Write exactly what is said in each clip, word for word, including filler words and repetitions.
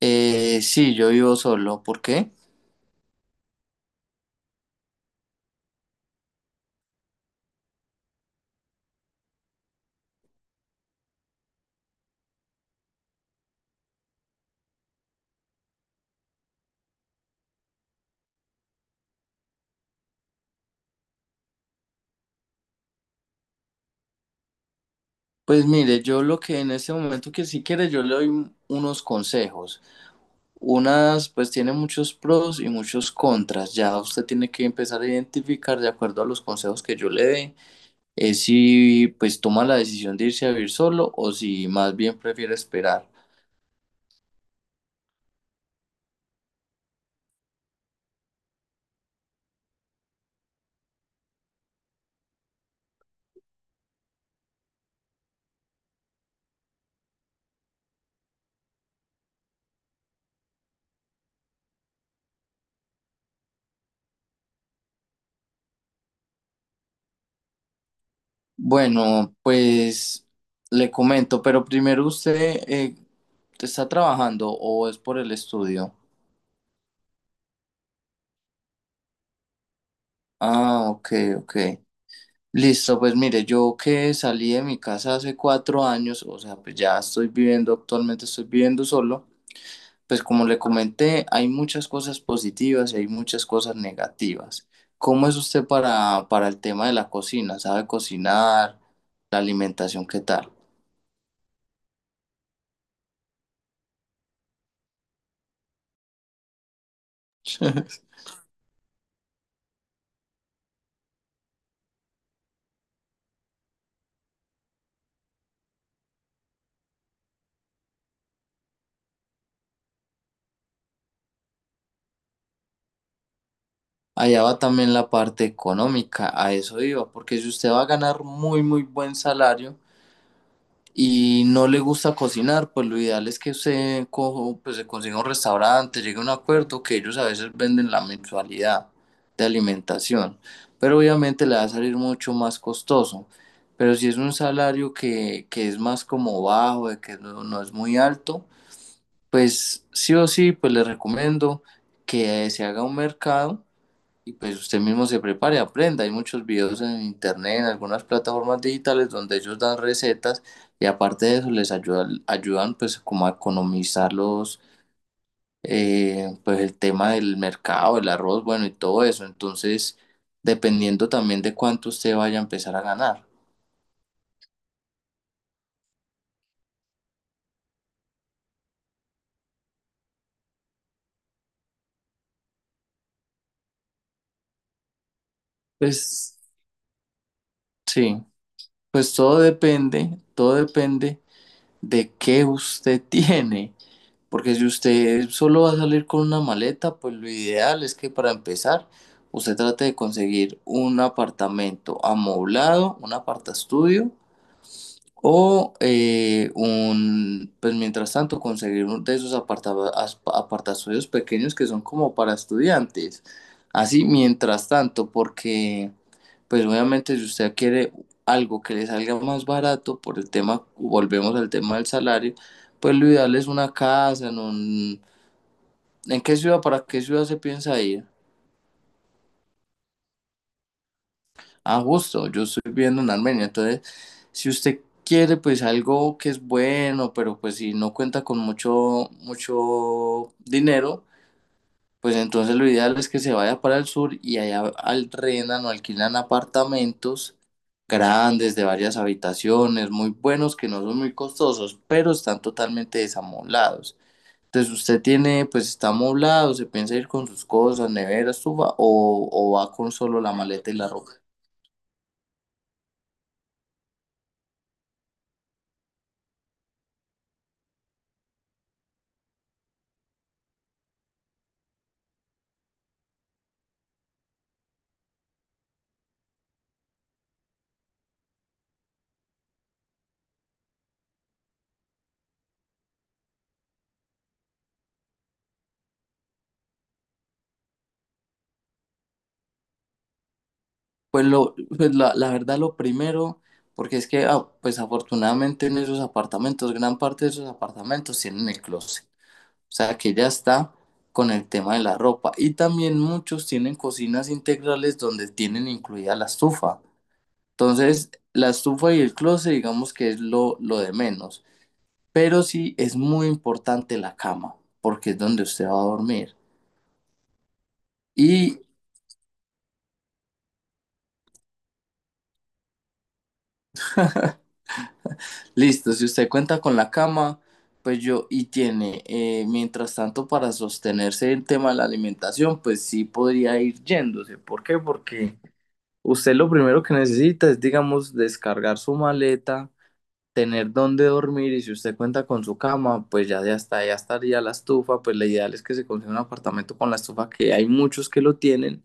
Eh, sí, yo vivo solo. ¿Por qué? Pues mire, yo lo que en este momento que si quiere, yo le doy un- unos consejos. Unas, pues tiene muchos pros y muchos contras. Ya usted tiene que empezar a identificar de acuerdo a los consejos que yo le dé, eh, si pues toma la decisión de irse a vivir solo o si más bien prefiere esperar. Bueno, pues le comento, pero primero usted eh, está trabajando o es por el estudio. Ah, ok, ok. Listo, pues mire, yo que salí de mi casa hace cuatro años, o sea, pues ya estoy viviendo, actualmente estoy viviendo solo, pues como le comenté, hay muchas cosas positivas y hay muchas cosas negativas. ¿Cómo es usted para, para el tema de la cocina? ¿Sabe cocinar? ¿La alimentación qué tal? Allá va también la parte económica, a eso iba, porque si usted va a ganar muy, muy buen salario, y no le gusta cocinar, pues lo ideal es que usted cojo, pues se consiga un restaurante, llegue a un acuerdo que ellos a veces venden la mensualidad de alimentación, pero obviamente le va a salir mucho más costoso. Pero si es un salario que, que es más como bajo, de que no, no es muy alto, pues sí o sí, pues le recomiendo que se haga un mercado y pues usted mismo se prepare, aprenda. Hay muchos videos en internet, en algunas plataformas digitales donde ellos dan recetas y aparte de eso les ayuda, ayudan pues como a economizar los, eh, pues el tema del mercado, el arroz, bueno y todo eso. Entonces, dependiendo también de cuánto usted vaya a empezar a ganar. Pues sí, pues todo depende, todo depende de qué usted tiene. Porque si usted solo va a salir con una maleta, pues lo ideal es que para empezar, usted trate de conseguir un apartamento amoblado, un apartaestudio, o eh, un, pues mientras tanto, conseguir uno de esos apartaba- as- apartazuelos pequeños que son como para estudiantes. Así, mientras tanto, porque pues obviamente si usted quiere algo que le salga más barato por el tema, volvemos al tema del salario, pues lo ideal es una casa en un... ¿En qué ciudad, para qué ciudad se piensa ir? Ah, justo, yo estoy viviendo en Armenia, entonces si usted quiere pues algo que es bueno, pero pues si no cuenta con mucho, mucho dinero, pues entonces lo ideal es que se vaya para el sur y allá alquilan o alquilan apartamentos grandes de varias habitaciones, muy buenos que no son muy costosos, pero están totalmente desamoblados. Entonces usted tiene, pues está amoblado, se piensa ir con sus cosas, nevera, estufa, o, o va con solo la maleta y la ropa. Pues, lo, pues la, la verdad lo primero, porque es que ah, pues afortunadamente en esos apartamentos, gran parte de esos apartamentos tienen el closet, o sea que ya está con el tema de la ropa y también muchos tienen cocinas integrales donde tienen incluida la estufa. Entonces, la estufa y el closet digamos que es lo, lo de menos, pero sí es muy importante la cama, porque es donde usted va a dormir. y Listo, si usted cuenta con la cama, pues yo, y tiene, eh, mientras tanto, para sostenerse el tema de la alimentación, pues sí podría ir yéndose. ¿Por qué? Porque usted lo primero que necesita es, digamos, descargar su maleta, tener dónde dormir, y si usted cuenta con su cama, pues ya, de hasta ya estaría la estufa, pues lo ideal es que se consiga un apartamento con la estufa, que hay muchos que lo tienen.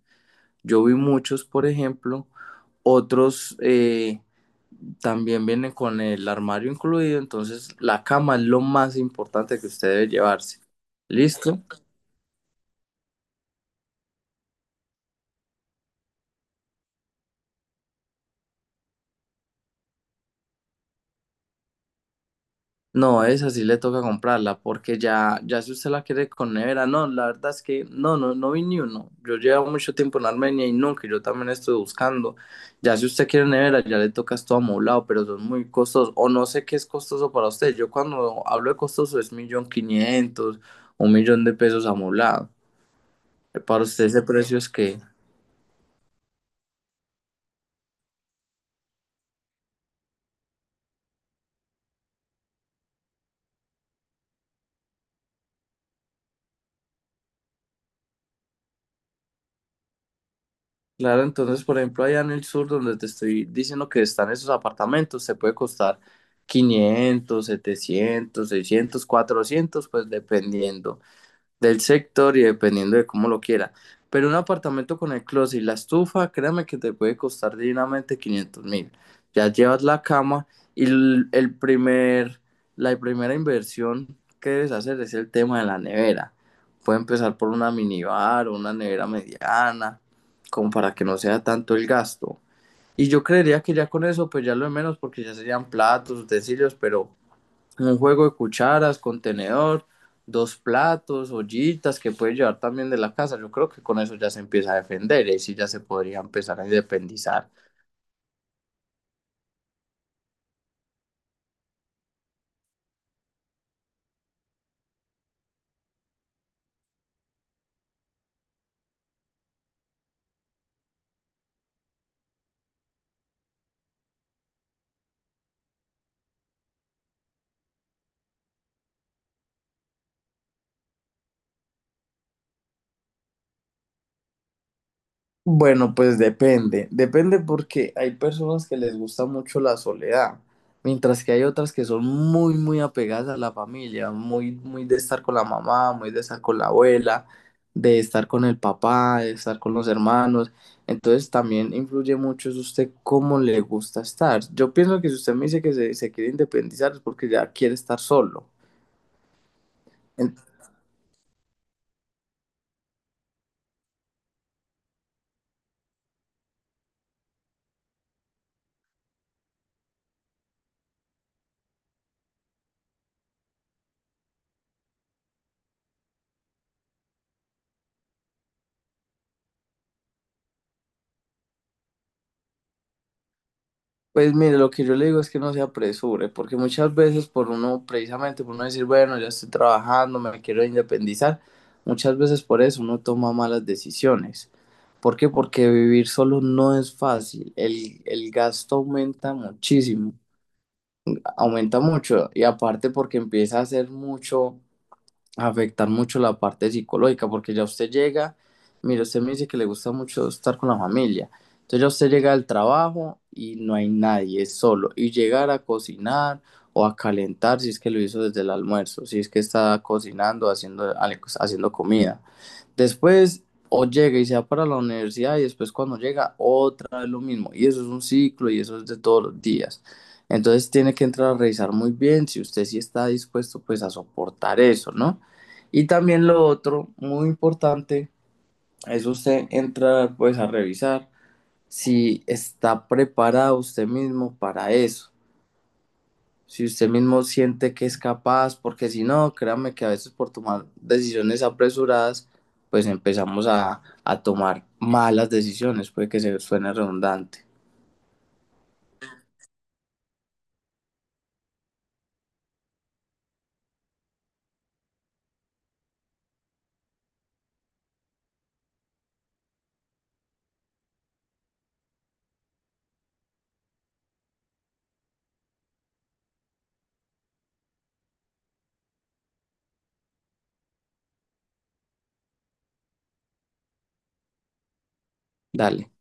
Yo vi muchos, por ejemplo, otros... eh, también viene con el armario incluido, entonces la cama es lo más importante que usted debe llevarse. ¿Listo? No, esa sí le toca comprarla, porque ya, ya si usted la quiere con nevera, no, la verdad es que no, no, no vi ni uno. Yo llevo mucho tiempo en Armenia y nunca, y yo también estoy buscando. Ya si usted quiere nevera, ya le toca esto amoblado, pero son muy costosos, o no sé qué es costoso para usted. Yo cuando hablo de costoso es millón quinientos, un millón de pesos amoblado. Para usted ese precio es que... Claro, entonces, por ejemplo, allá en el sur, donde te estoy diciendo que están esos apartamentos, se puede costar quinientos, setecientos, seiscientos, cuatrocientos, pues dependiendo del sector y dependiendo de cómo lo quiera. Pero un apartamento con el closet y la estufa, créame que te puede costar dignamente 500 mil. Ya llevas la cama y el, el primer, la primera inversión que debes hacer es el tema de la nevera. Puede empezar por una minibar o una nevera mediana, como para que no sea tanto el gasto. Y yo creería que ya con eso, pues ya lo de menos, porque ya serían platos, utensilios, pero un juego de cucharas, contenedor, dos platos, ollitas que puede llevar también de la casa. Yo creo que con eso ya se empieza a defender y ahí sí ya se podría empezar a independizar. Bueno, pues depende, depende porque hay personas que les gusta mucho la soledad, mientras que hay otras que son muy, muy apegadas a la familia, muy, muy de estar con la mamá, muy de estar con la abuela, de estar con el papá, de estar con los hermanos. Entonces también influye mucho es usted cómo le gusta estar. Yo pienso que si usted me dice que se, se quiere independizar es porque ya quiere estar solo. Pues mire, lo que yo le digo es que no se apresure, porque muchas veces por uno, precisamente por uno decir, bueno, ya estoy trabajando, me quiero independizar, muchas veces por eso uno toma malas decisiones. ¿Por qué? Porque vivir solo no es fácil, el, el gasto aumenta muchísimo, aumenta mucho, y aparte porque empieza a ser mucho afectar mucho la parte psicológica, porque ya usted llega, mire, usted me dice que le gusta mucho estar con la familia, entonces ya usted llega al trabajo y no hay nadie, es solo, y llegar a cocinar o a calentar si es que lo hizo desde el almuerzo, si es que está cocinando, haciendo, haciendo comida. Después o llega y se va para la universidad y después cuando llega otra vez lo mismo. Y eso es un ciclo y eso es de todos los días. Entonces tiene que entrar a revisar muy bien si usted sí está dispuesto pues a soportar eso, ¿no? Y también lo otro, muy importante, es usted entrar pues a revisar si está preparado usted mismo para eso si usted mismo siente que es capaz, porque si no, créame que a veces por tomar decisiones apresuradas, pues empezamos a, a tomar malas decisiones, puede que se suene redundante. Dale.